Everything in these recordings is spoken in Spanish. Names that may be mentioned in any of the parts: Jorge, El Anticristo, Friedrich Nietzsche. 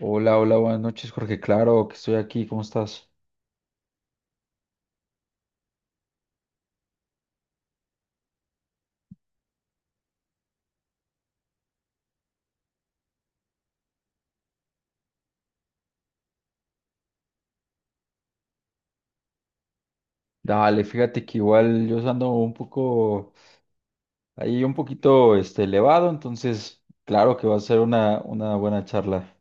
Hola, hola, buenas noches, Jorge. Claro que estoy aquí, ¿cómo estás? Dale, fíjate que igual yo ando un poco, ahí un poquito elevado, entonces claro que va a ser una buena charla.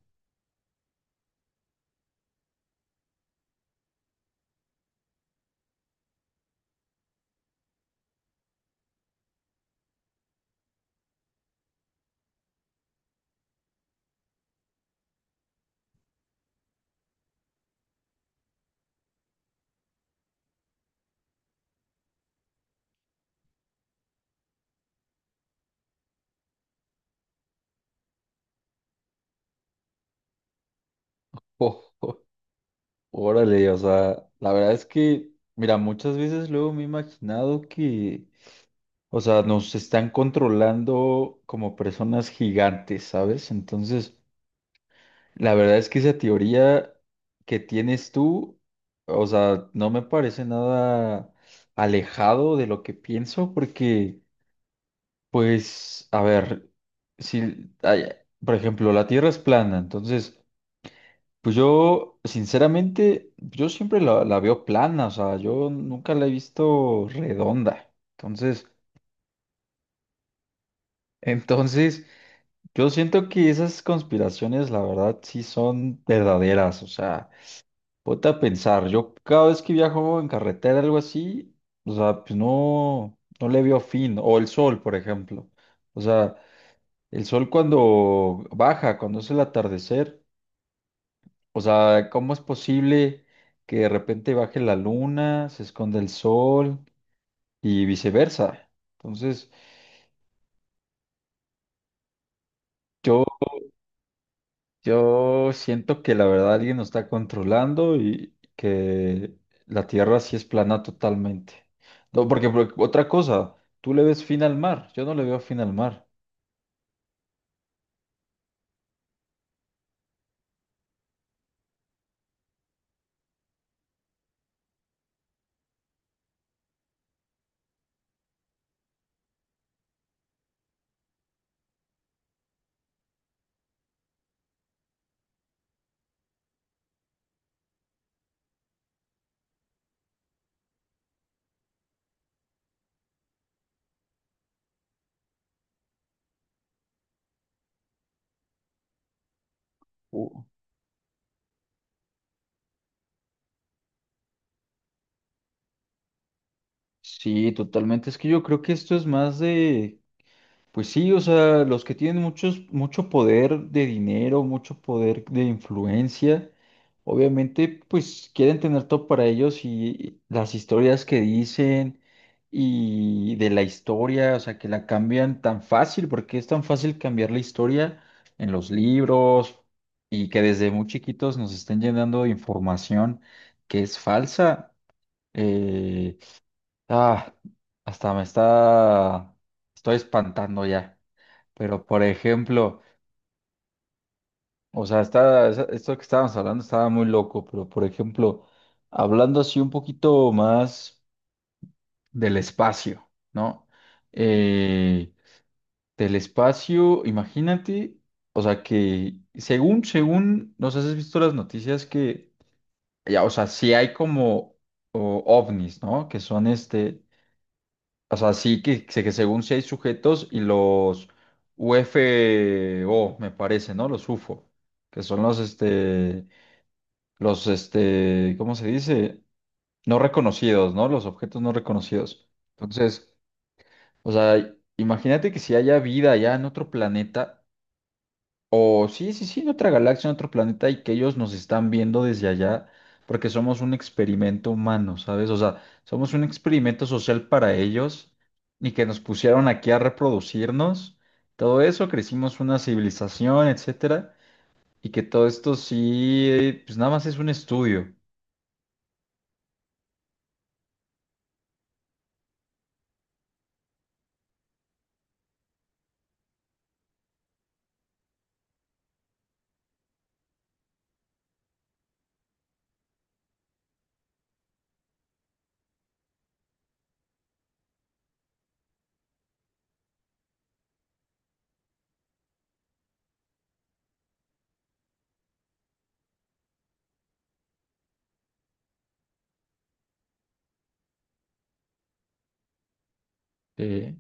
Órale, o sea, la verdad es que, mira, muchas veces luego me he imaginado que, o sea, nos están controlando como personas gigantes, ¿sabes? Entonces... La verdad es que esa teoría que tienes tú, o sea, no me parece nada alejado de lo que pienso, porque, pues, a ver, si, ay, por ejemplo, la Tierra es plana, entonces, pues yo, sinceramente, yo siempre la veo plana, o sea, yo nunca la he visto redonda. Entonces, entonces, yo siento que esas conspiraciones, la verdad, sí son verdaderas, o sea. Ponte a pensar, yo cada vez que viajo en carretera, algo así, o sea, pues no, no le veo fin. O el sol, por ejemplo. O sea, el sol cuando baja, cuando es el atardecer, o sea, ¿cómo es posible que de repente baje la luna, se esconda el sol y viceversa? Entonces, yo siento que la verdad alguien nos está controlando y que la Tierra sí es plana totalmente. No, porque, otra cosa, tú le ves fin al mar, yo no le veo fin al mar. Uh, sí, totalmente. Es que yo creo que esto es más de... Pues sí, o sea, los que tienen mucho poder de dinero, mucho poder de influencia, obviamente pues quieren tener todo para ellos y las historias que dicen y de la historia, o sea, que la cambian tan fácil, porque es tan fácil cambiar la historia en los libros y que desde muy chiquitos nos estén llenando de información que es falsa. Eh, ah, hasta estoy espantando ya. Pero, por ejemplo, o sea, esto que estábamos hablando estaba muy loco, pero, por ejemplo, hablando así un poquito más del espacio, ¿no? Eh, del espacio, imagínate, o sea, que según, no sé si has visto las noticias que, ya, o sea, sí hay como ovnis, ¿no? Que son este, o sea, sí que según si hay sujetos y los UFO, me parece, ¿no? Los U F O, que son los, ¿cómo se dice? No reconocidos, ¿no? Los objetos no reconocidos. Entonces, o sea, imagínate que si haya vida allá en otro planeta, o sí, en otra galaxia, en otro planeta y que ellos nos están viendo desde allá porque somos un experimento humano, ¿sabes? O sea, somos un experimento social para ellos y que nos pusieron aquí a reproducirnos. Todo eso, crecimos una civilización, etcétera, y que todo esto sí, pues nada más es un estudio. Sí.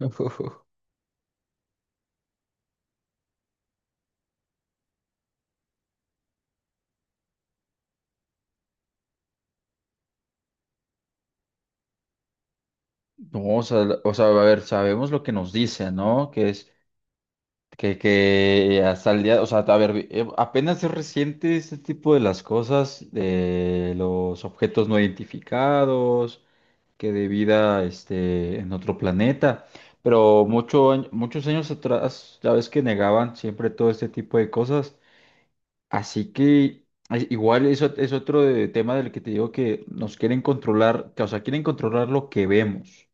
No, o sea, o sea, a ver, sabemos lo que nos dice, ¿no? Que es... Que hasta el día, o sea, a ver, apenas es reciente este tipo de las cosas, de los objetos no identificados, que de vida este, en otro planeta, pero muchos años atrás, ya ves que negaban siempre todo este tipo de cosas. Así que ay, igual eso es tema del que te digo que nos quieren controlar, que, o sea, quieren controlar lo que vemos,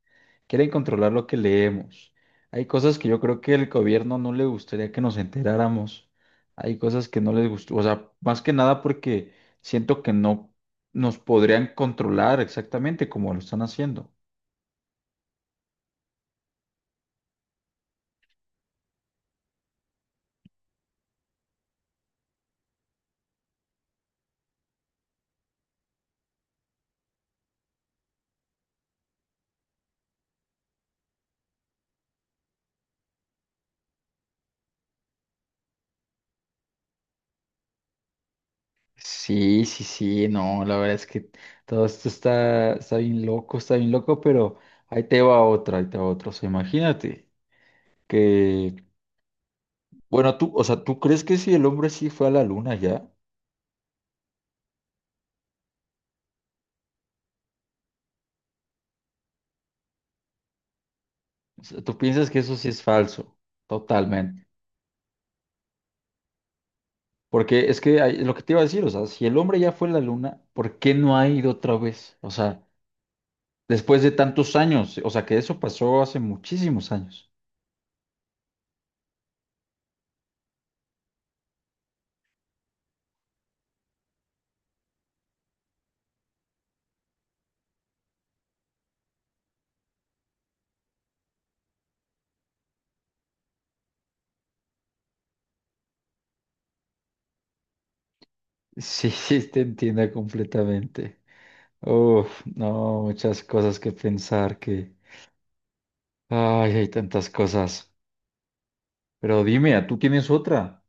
quieren controlar lo que leemos. Hay cosas que yo creo que el gobierno no le gustaría que nos enteráramos. Hay cosas que no les gustó, o sea, más que nada porque siento que no nos podrían controlar exactamente como lo están haciendo. Sí, no, la verdad es que todo esto está bien loco, pero ahí te va otra. O sea, imagínate que, bueno, tú, o sea, ¿tú crees que si el hombre sí fue a la luna ya? O sea, tú piensas que eso sí es falso, totalmente. Porque es que lo que te iba a decir, o sea, si el hombre ya fue a la luna, ¿por qué no ha ido otra vez? O sea, después de tantos años, o sea, que eso pasó hace muchísimos años. Sí, sí, te entiendo completamente. Uf, no, muchas cosas que pensar, que... Ay, hay tantas cosas. Pero dime, ¿tú tienes otra?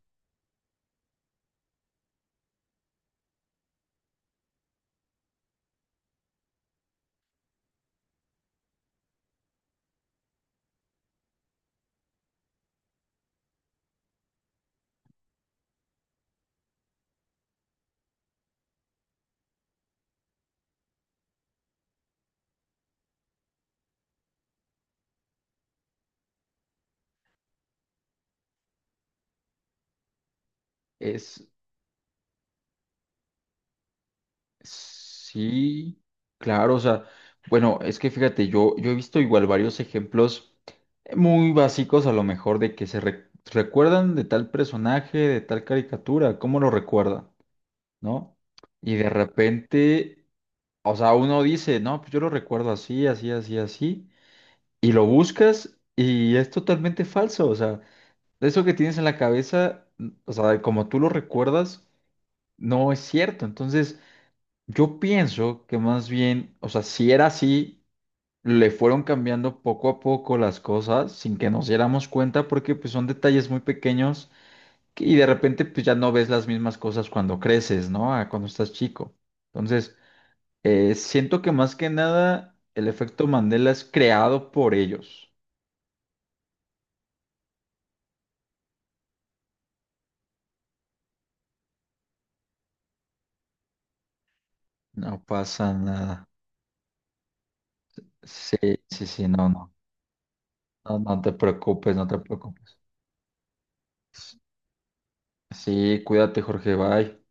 Es... Sí, claro, o sea, bueno, es que fíjate, yo he visto igual varios ejemplos muy básicos a lo mejor de que recuerdan de tal personaje, de tal caricatura, ¿cómo lo recuerdan? ¿No? Y de repente, o sea, uno dice, no, pues yo lo recuerdo así. Y lo buscas y es totalmente falso. O sea, eso que tienes en la cabeza, o sea, como tú lo recuerdas, no es cierto. Entonces, yo pienso que más bien, o sea, si era así, le fueron cambiando poco a poco las cosas sin que nos diéramos cuenta porque pues son detalles muy pequeños y de repente pues ya no ves las mismas cosas cuando creces, ¿no? A cuando estás chico. Entonces, siento que más que nada el efecto Mandela es creado por ellos. No pasa nada. Sí, sí, sí, no, te preocupes, no te preocupes. Sí, cuídate, Jorge, bye.